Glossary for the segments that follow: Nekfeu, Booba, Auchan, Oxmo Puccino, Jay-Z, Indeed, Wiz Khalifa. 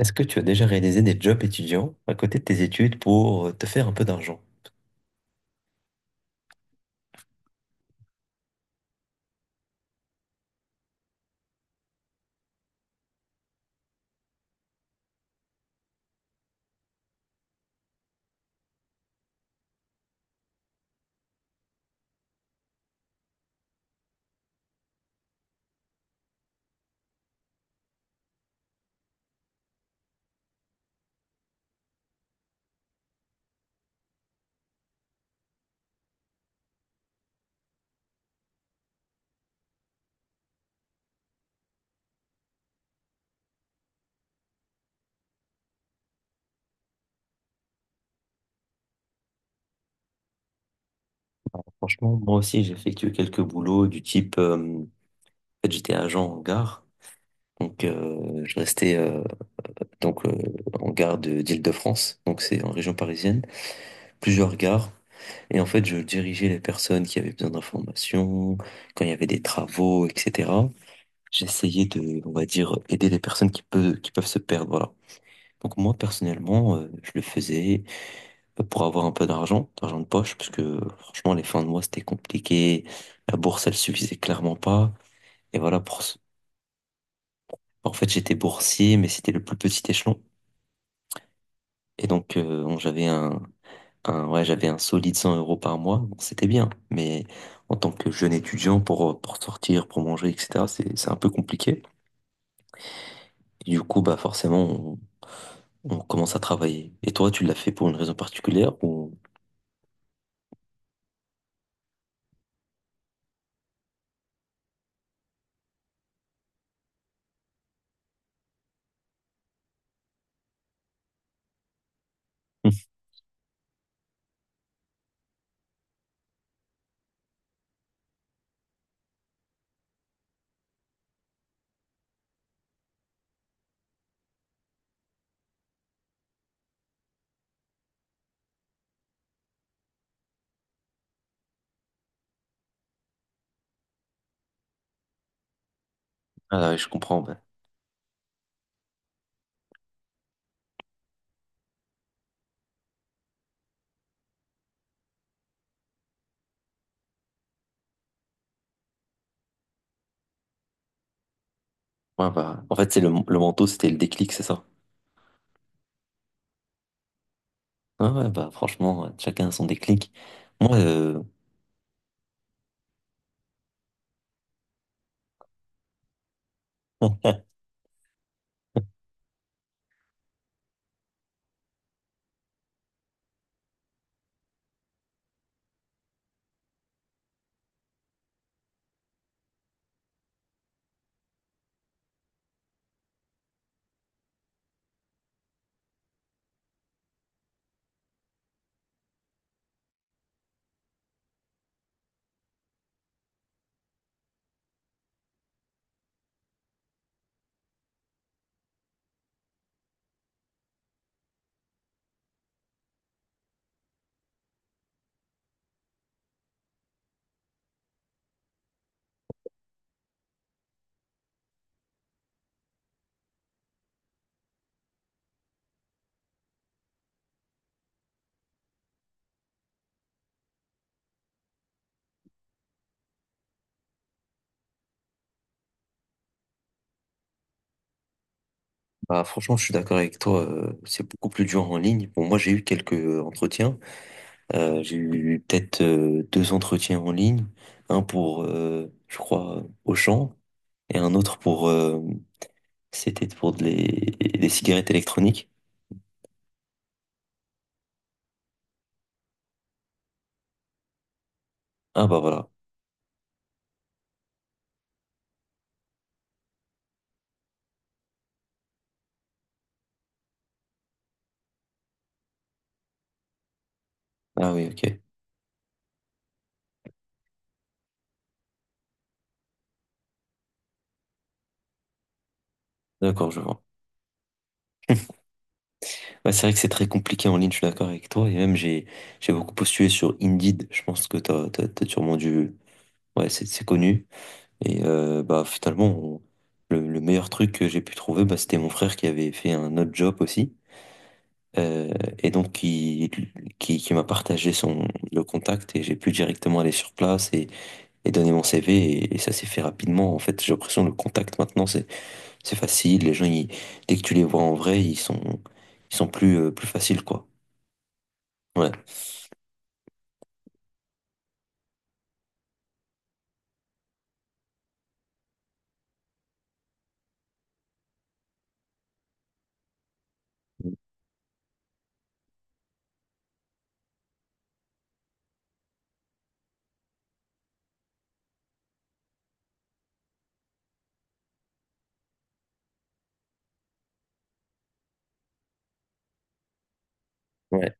Est-ce que tu as déjà réalisé des jobs étudiants à côté de tes études pour te faire un peu d'argent? Franchement, moi aussi, j'ai effectué quelques boulots du type, en fait, j'étais agent en gare, je restais donc euh, en gare de d'Île-de-France, donc c'est en région parisienne, plusieurs gares, et en fait, je dirigeais les personnes qui avaient besoin d'informations, quand il y avait des travaux, etc. J'essayais de, on va dire, aider les personnes qui peuvent se perdre, voilà. Donc moi, personnellement, je le faisais pour avoir un peu d'argent, d'argent de poche, parce que franchement, les fins de mois, c'était compliqué. La bourse, elle suffisait clairement pas. Et voilà, en fait, j'étais boursier, mais c'était le plus petit échelon. Et donc, ouais, j'avais un solide 100 euros par mois. Bon, c'était bien, mais en tant que jeune étudiant, pour sortir, pour manger, etc., c'est un peu compliqué. Et du coup, bah, forcément, on commence à travailler. Et toi, tu l'as fait pour une raison particulière ou... Ah, ouais, je comprends, bah. Ouais, bah, en fait, c'est le manteau, c'était le déclic, c'est ça? Ah ouais, bah franchement, ouais, chacun a son déclic. Moi, bah franchement, je suis d'accord avec toi. C'est beaucoup plus dur en ligne. Bon, moi, j'ai eu quelques entretiens. J'ai eu peut-être deux entretiens en ligne. Un pour, je crois, Auchan, et un autre pour, c'était des cigarettes électroniques. Ah bah voilà. Ah oui, ok. D'accord, je vois. Ouais, c'est vrai que c'est très compliqué en ligne. Je suis d'accord avec toi. Et même j'ai beaucoup postulé sur Indeed. Je pense que t'as sûrement dû. Ouais, c'est connu. Et bah finalement, le meilleur truc que j'ai pu trouver, bah, c'était mon frère qui avait fait un autre job aussi. Euh, et donc qui m'a partagé le contact et j'ai pu directement aller sur place et donner mon CV et ça s'est fait rapidement. En fait, j'ai l'impression que le contact maintenant, c'est facile. Dès que tu les vois en vrai, ils sont plus, plus faciles, quoi. Ouais. Ouais.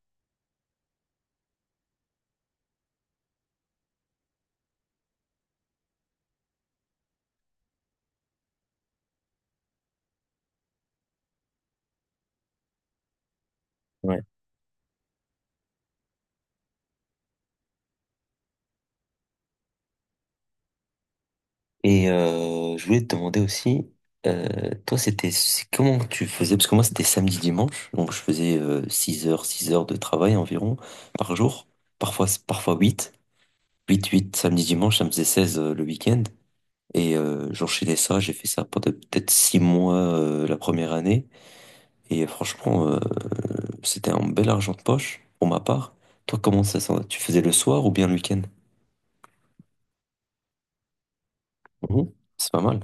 Et je voulais te demander aussi, toi, comment tu faisais? Parce que moi, c'était samedi, dimanche, donc je faisais 6 heures, 6 heures de travail environ par jour, parfois 8 huit samedi, dimanche, ça me faisait 16 le week-end. Et j'enchaînais ça, j'ai fait ça pendant peut-être 6 mois la première année. Et franchement, c'était un bel argent de poche pour ma part. Toi, tu faisais le soir ou bien le week-end? Mhm. C'est pas mal.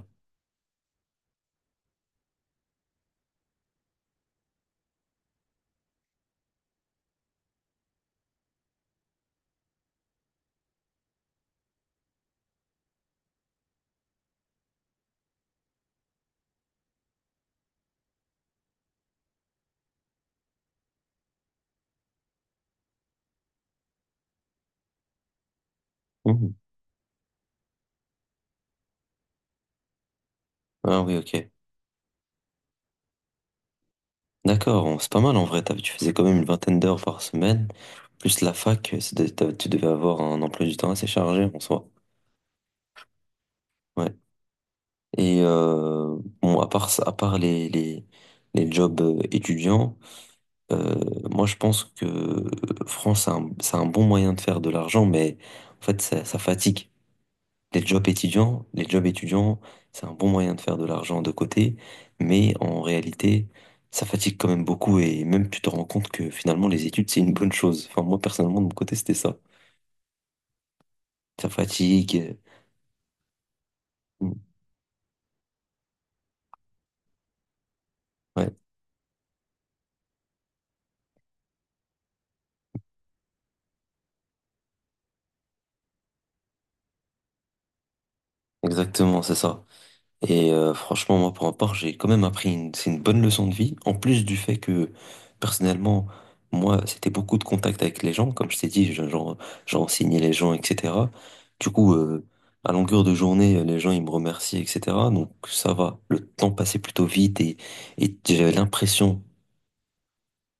Mhm. Ah oui, ok. D'accord, c'est pas mal en vrai. Tu faisais quand même une vingtaine d'heures par semaine. Plus la fac, tu devais avoir un emploi du temps assez chargé en soi. Ouais. Et bon, à part les jobs étudiants, euh, moi je pense que France, c'est un bon moyen de faire de l'argent, mais en fait, ça fatigue. Les jobs étudiants, c'est un bon moyen de faire de l'argent de côté, mais en réalité, ça fatigue quand même beaucoup et même tu te rends compte que finalement les études, c'est une bonne chose. Enfin, moi personnellement, de mon côté, c'était ça. Ça fatigue. euh, Ouais, exactement, c'est ça. Et franchement, moi, pour ma part, j'ai quand même c'est une bonne leçon de vie, en plus du fait que, personnellement, moi, c'était beaucoup de contact avec les gens, comme je t'ai dit, j'en signais les gens, etc. Du coup, à longueur de journée, les gens, ils me remercient, etc. Donc, ça va, le temps passait plutôt vite et, et j'avais l'impression,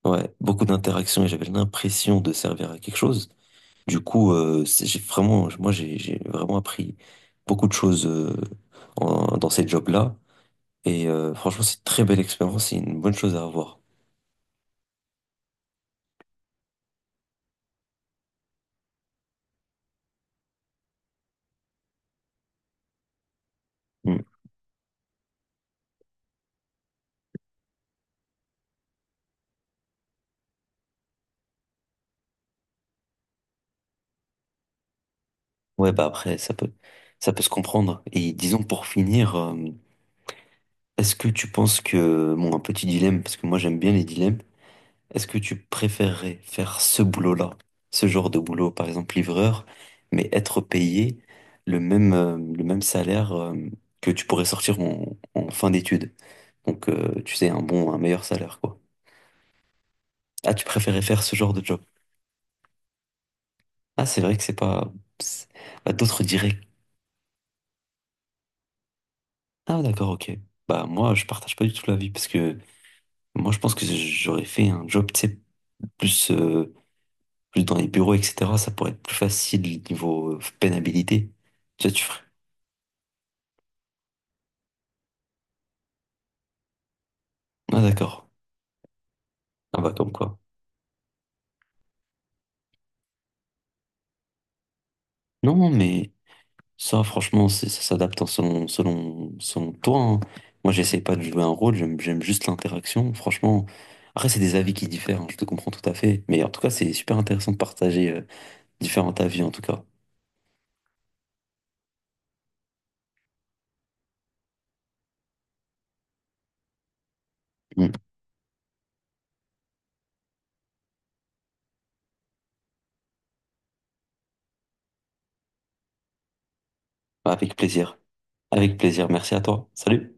ouais, beaucoup d'interactions et j'avais l'impression de servir à quelque chose. Du coup, j'ai vraiment, moi, j'ai vraiment appris beaucoup de choses dans ces jobs-là. Et franchement, c'est une très belle expérience, c'est une bonne chose à avoir. Mm. Ouais, bah après, ça peut se comprendre. Et disons pour finir, est-ce que tu penses que, bon, un petit dilemme, parce que moi j'aime bien les dilemmes, est-ce que tu préférerais faire ce boulot-là, ce genre de boulot, par exemple livreur, mais être payé le même salaire que tu pourrais sortir en fin d'études? Donc, tu sais, un meilleur salaire, quoi. Ah, tu préférais faire ce genre de job? Ah, c'est vrai que c'est pas... c'est- bah, d'autres diraient. Ah d'accord, ok. Bah moi je partage pas du tout l'avis parce que moi je pense que j'aurais fait un job, tu sais, plus, euh, plus dans les bureaux, etc. Ça pourrait être plus facile niveau pénalité. Tu vois, tu ferais. Ah d'accord. Ah bah comme quoi. Non mais ça franchement ça s'adapte en selon toi, hein. Moi j'essaie pas de jouer un rôle, j'aime juste l'interaction. Franchement, après c'est des avis qui diffèrent, hein, je te comprends tout à fait. Mais en tout cas c'est super intéressant de partager différents avis en tout cas. Mm. Avec plaisir. Avec plaisir, merci à toi. Salut.